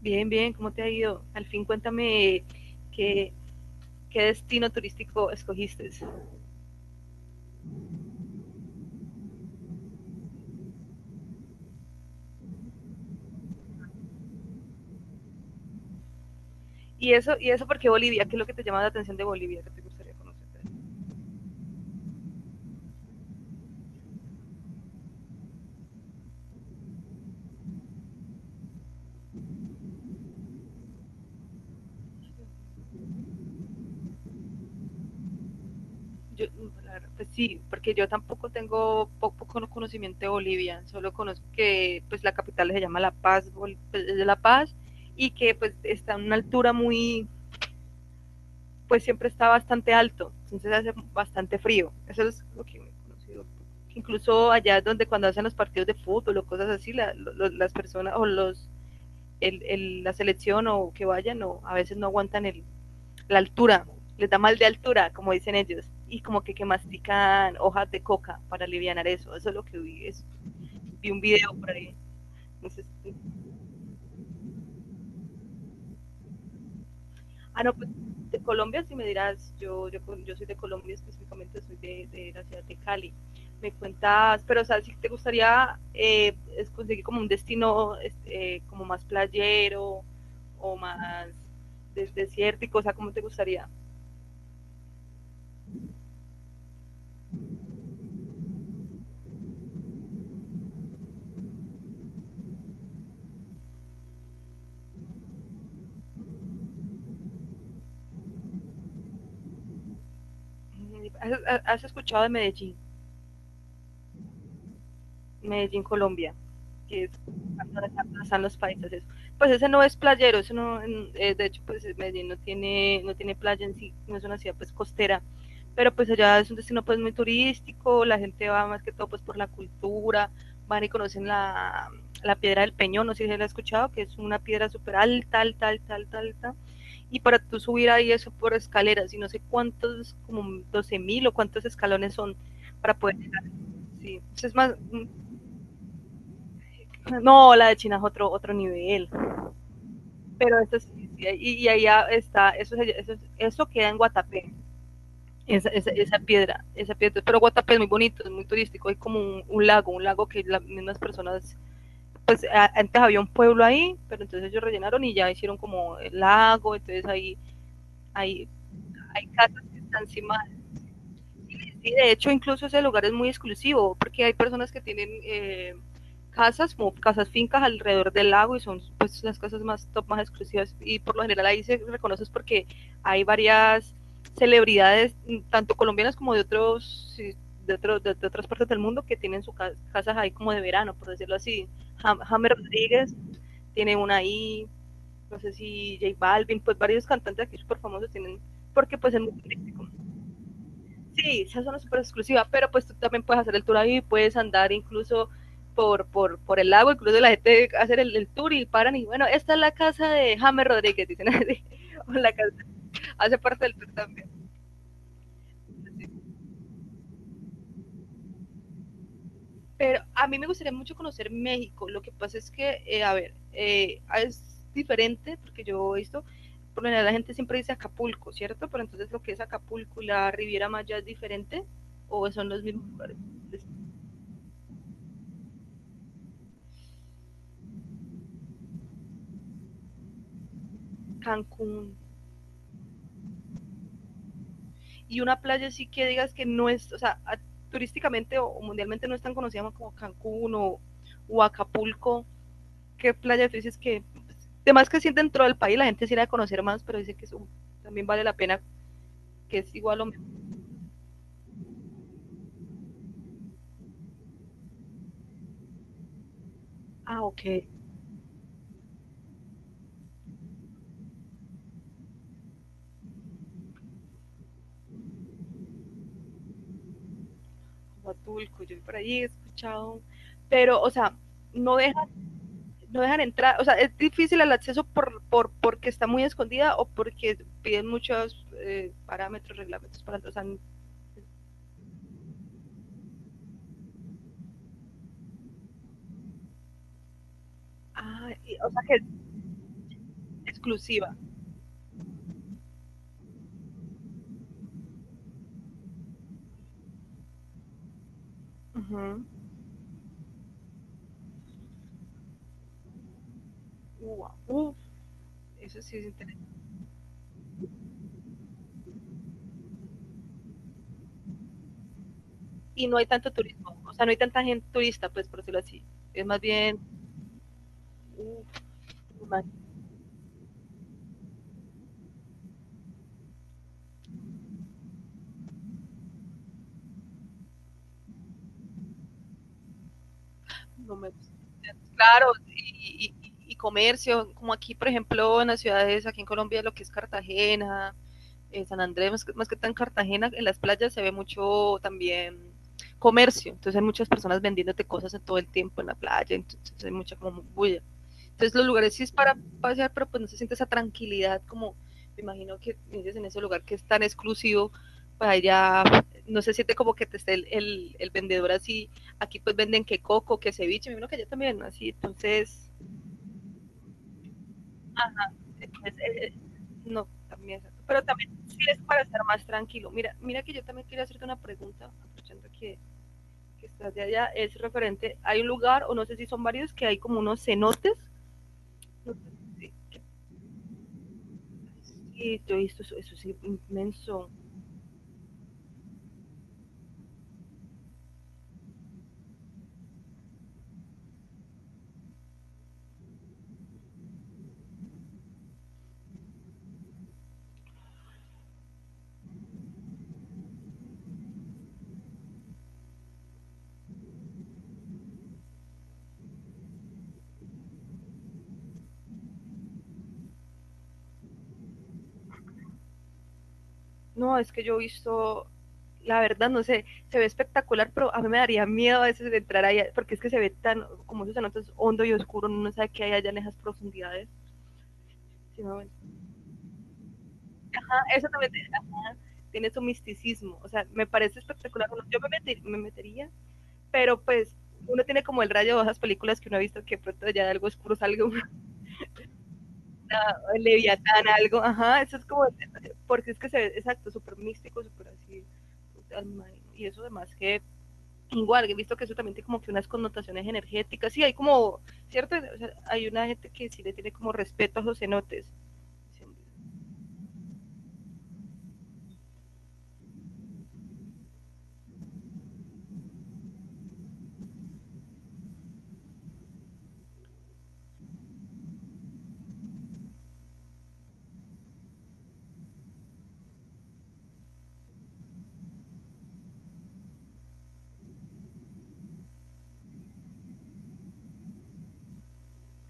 Bien, bien, ¿cómo te ha ido? Al fin cuéntame qué, qué destino turístico escogiste. Y eso porque Bolivia, ¿qué es lo que te llama la atención de Bolivia? ¿Qué te gustaría conocer? Yo, la verdad, pues sí, porque yo tampoco tengo poco conocimiento de Bolivia, solo conozco que pues la capital se llama La Paz, pues, es de La Paz, y que pues está en una altura pues siempre está bastante alto, entonces hace bastante frío. Eso es lo que me he conocido. Incluso allá es donde cuando hacen los partidos de fútbol o cosas así, las personas o la selección o que vayan o a veces no aguantan la altura, les da mal de altura, como dicen ellos, y como que mastican hojas de coca para aliviar eso. Eso es lo que vi, vi un video por ahí. Entonces, ah, no, pues de Colombia, si me dirás, yo soy de Colombia específicamente, soy de la ciudad de Cali. Me cuentas, pero o sea, si te gustaría es conseguir como un destino este, como más playero o más desértico, o sea, ¿cómo te gustaría? Mm. ¿Has escuchado de Medellín? Medellín, Colombia, que es donde están los paisas. Eso. Pues ese no es playero, eso no, de hecho, pues Medellín no tiene playa en sí, no es una ciudad pues costera, pero pues allá es un destino pues muy turístico, la gente va más que todo pues por la cultura, van y conocen la piedra del Peñón, no sé si la he escuchado, que es una piedra súper alta, alta, alta, alta, alta, y para tú subir ahí eso por escaleras, y no sé cuántos, como 12.000 o cuántos escalones son para poder llegar. Sí. Entonces es más, no, la de China es otro nivel. Pero eso sí, sí, sí, y allá está, eso queda en Guatapé, esa piedra. Pero Guatapé es muy bonito, es muy turístico, hay como un lago que las mismas personas, pues antes había un pueblo ahí, pero entonces ellos rellenaron y ya hicieron como el lago, entonces ahí hay casas que están encima. Sí, de hecho, incluso ese lugar es muy exclusivo, porque hay personas que tienen casas, como casas fincas alrededor del lago y son pues las casas más top, más exclusivas. Y por lo general ahí se reconoces porque hay varias celebridades, tanto colombianas como de otros, sí, de otras partes del mundo, que tienen sus casa ahí como de verano, por decirlo así. Hammer Rodríguez tiene una ahí, no sé si J Balvin, pues varios cantantes aquí súper famosos tienen, porque pues es muy turístico. Sí, esa zona es súper exclusiva, pero pues tú también puedes hacer el tour ahí, puedes andar incluso por el lago, incluso la gente hacer el tour y paran y bueno, esta es la casa de James Rodríguez, dicen así, o la casa, hace parte del tour también. Pero a mí me gustaría mucho conocer México, lo que pasa es que, a ver, es diferente, porque yo he visto, por lo general la gente siempre dice Acapulco, ¿cierto? Pero entonces lo que es Acapulco y la Riviera Maya es diferente, o son los mismos lugares, Cancún, y una playa sí que digas que no es, o sea, turísticamente mundialmente no es tan conocida como Cancún o Acapulco, ¿qué playa tú dices que, además que sí dentro del país la gente sí la debe conocer más, pero dice que eso también vale la pena, que es igual o menos, ah, ok, Acapulco, yo por ahí he escuchado, pero, o sea, no dejan, no dejan entrar, o sea, es difícil el acceso porque está muy escondida o porque piden muchos parámetros, reglamentos para entrar, o sea, ah, y, o sea que es exclusiva. Uh -huh. Uf, eso sí es interesante. Y no hay tanto turismo, o sea, no hay tanta gente turista, pues por decirlo así. Es más bien, uf, no me no me gusta. Claro, y comercio, como aquí, por ejemplo, en las ciudades, aquí en Colombia, lo que es Cartagena, San Andrés, más que tan Cartagena, en las playas se ve mucho también comercio, entonces hay muchas personas vendiéndote cosas en todo el tiempo en la playa, entonces hay mucha como bulla. Entonces los lugares sí es para pasear, pero pues no se siente esa tranquilidad como me imagino que dices en ese lugar que es tan exclusivo, para allá no se siente como que te esté el vendedor así, aquí pues venden que coco, que ceviche, me imagino que allá también, ¿no? Así, entonces, es- es- no, también, pero también sí es para estar más tranquilo. Mira, mira que yo también quería hacerte una pregunta, aprovechando que estás de allá, es referente, hay un lugar, o no sé si son varios, que hay como unos cenotes, no sé si. Y yo he visto, eso es inmenso. No, es que yo he visto, la verdad, no sé, se ve espectacular, pero a mí me daría miedo a veces de entrar ahí, porque es que se ve tan, como esos cenotes hondo y oscuro, no sabe qué hay allá en esas profundidades. ¿Sí me ven? Ah, eso también ah, tiene su misticismo, o sea, me parece espectacular. Yo me metería, pero pues uno tiene como el rayo de esas películas que uno ha visto que pronto ya de algo oscuro salga uno. Leviatán, algo, ajá, eso es como, porque es que se ve, exacto, súper místico, súper así, y eso además que, igual, he visto que eso también tiene como que unas connotaciones energéticas, sí, hay como, ¿cierto? O sea, hay una gente que sí le tiene como respeto a los cenotes,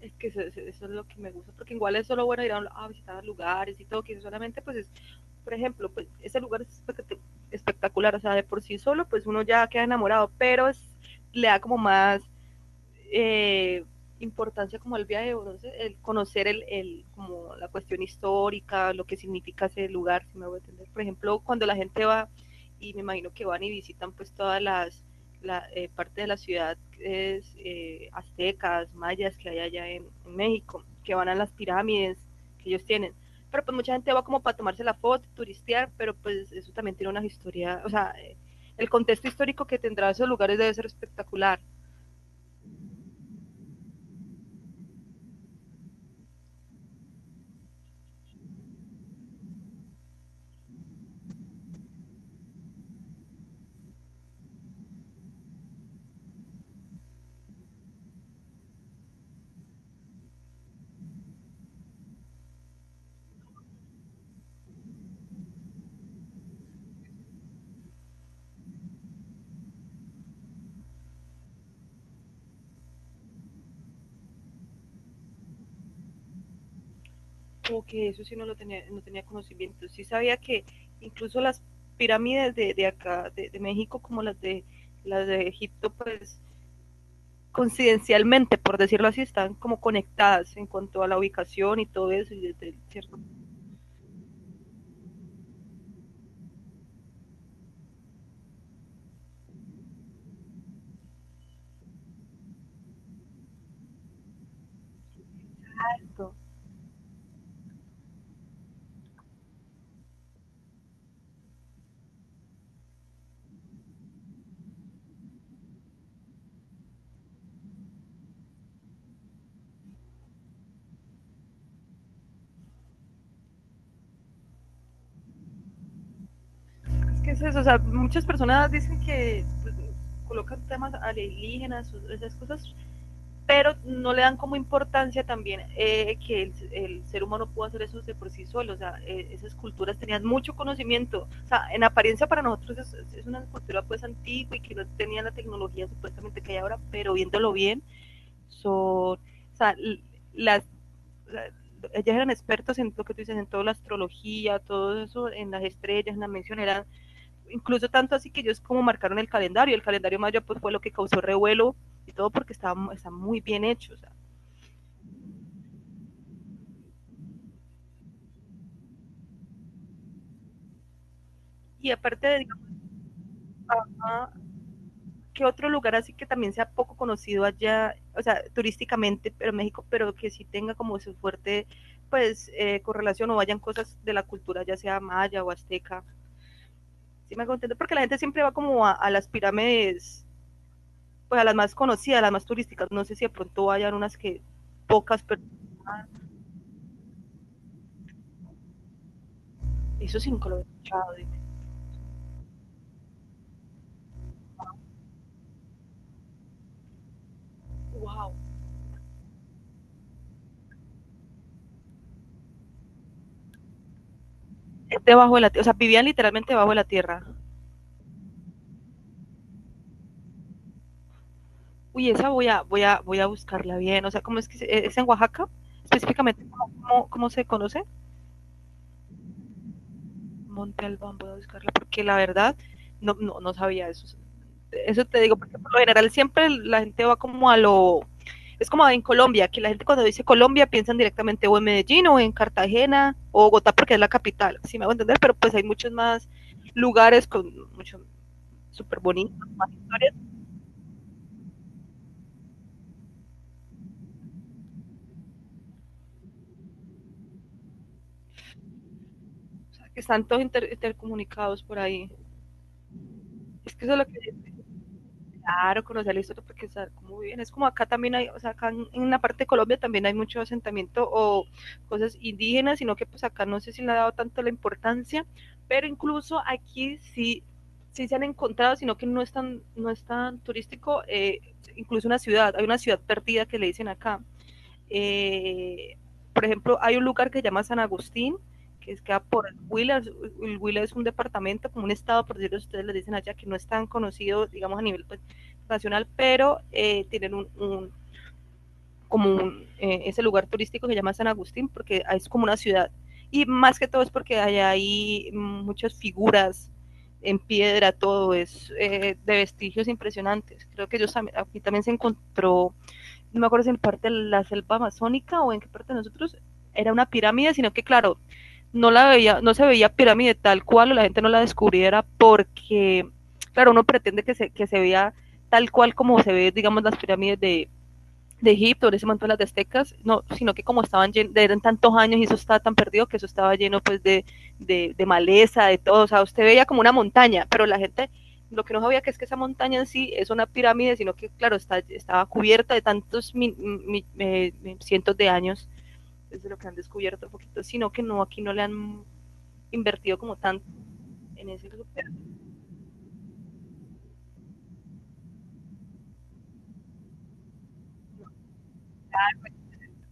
es que es lo que me gusta, porque igual es solo bueno ir a visitar lugares y todo, que eso solamente pues es, por ejemplo, pues ese lugar es espectacular, o sea, de por sí solo, pues uno ya queda enamorado, pero es, le da como más eh, importancia como el viaje de el conocer como la cuestión histórica, lo que significa ese lugar, si me voy a entender. Por ejemplo, cuando la gente va, y me imagino que van y visitan pues todas las partes de la ciudad aztecas, mayas que hay allá México, que van a las pirámides que ellos tienen. Pero pues mucha gente va como para tomarse la foto, turistear, pero pues eso también tiene una historia, o sea, el contexto histórico que tendrá esos lugares debe ser espectacular, como que eso sí no lo tenía, no tenía conocimiento. Sí sabía que incluso las pirámides de acá, de México, como las de Egipto, pues coincidencialmente, por decirlo así, están como conectadas en cuanto a la ubicación y todo eso, y desde cierto momento. Es que es eso, o sea, muchas personas dicen que pues, colocan temas alienígenas, esas cosas, pero no le dan como importancia también, que el, ser humano pudo hacer eso de por sí solo, o sea, esas culturas tenían mucho conocimiento, o sea, en apariencia para nosotros es una cultura pues antigua y que no tenían la tecnología supuestamente que hay ahora, pero viéndolo bien, son, o sea, las, las ellas eran expertas en lo que tú dices, en toda la astrología, todo eso, en las estrellas, en la mención, eran, incluso tanto así que ellos como marcaron el calendario maya pues fue lo que causó revuelo y todo porque estaba, está muy bien hecho, o sea, y aparte de Digama, ¿qué otro lugar así que también sea poco conocido allá, o sea, turísticamente, pero México, pero que sí tenga como su fuerte, pues, correlación o vayan cosas de la cultura, ya sea maya o azteca? Sí me contento, porque la gente siempre va como a las pirámides, pues a las más conocidas, a las más turísticas. No sé si de pronto hayan unas que pocas, pero eso sí nunca lo he escuchado. Wow. Debajo de la tierra, o sea, vivían literalmente debajo de la tierra. Uy, esa voy a buscarla bien. O sea, ¿cómo es que es en Oaxaca? Específicamente, ¿cómo se conoce? Monte Albán, voy a buscarla, porque la verdad no sabía eso. Eso te digo, porque por lo general siempre la gente va como a lo... Es como en Colombia, que la gente cuando dice Colombia piensan directamente o en Medellín o en Cartagena o Bogotá porque es la capital, si me hago entender, pero pues hay muchos más lugares con mucho súper bonitas historias, o sea, que están todos intercomunicados por ahí. Es que eso es lo que, claro, conocer la historia porque saber muy bien. Es como acá también hay, o sea, acá en la parte de Colombia también hay mucho asentamiento o cosas indígenas, sino que pues acá no sé si le ha dado tanto la importancia, pero incluso aquí sí, sí se han encontrado, sino que no es tan turístico, incluso una ciudad, hay una ciudad perdida que le dicen acá, eh, por ejemplo, hay un lugar que se llama San Agustín, que queda por el Huila. El Huila es un departamento, como un estado, por decirlo, ustedes les dicen allá, que no es tan conocido, digamos, a nivel pues, nacional, pero tienen un ese lugar turístico que se llama San Agustín, porque es como una ciudad. Y más que todo es porque allá hay muchas figuras en piedra, todo es de vestigios impresionantes. Creo que ellos, aquí también se encontró, no me acuerdo si en parte de la selva amazónica o en qué parte de nosotros era una pirámide, sino que claro, no la veía, no se veía pirámide tal cual o la gente no la descubriera porque, claro, uno pretende que se vea tal cual como se ve, digamos, las pirámides de Egipto, de ese montón las de aztecas, no, sino que como estaban eran tantos años y eso estaba tan perdido que eso estaba lleno pues de maleza, de todo, o sea, usted veía como una montaña, pero la gente lo que no sabía que es que esa montaña en sí es una pirámide, sino que claro, está, estaba cubierta de tantos cientos de años, es de lo que han descubierto un poquito, sino que no, aquí no le han invertido como tanto en ese,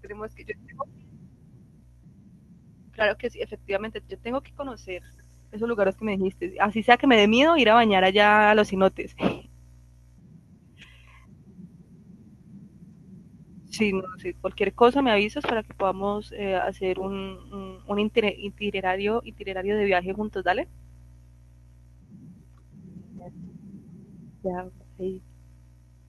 tenemos que, yo tengo, claro que sí, efectivamente, yo tengo que conocer esos lugares que me dijiste. Así sea que me dé miedo ir a bañar allá a los cenotes. Si, no, si cualquier cosa me avisas para que podamos hacer un, itinerario de viaje juntos, dale. Ya, ahí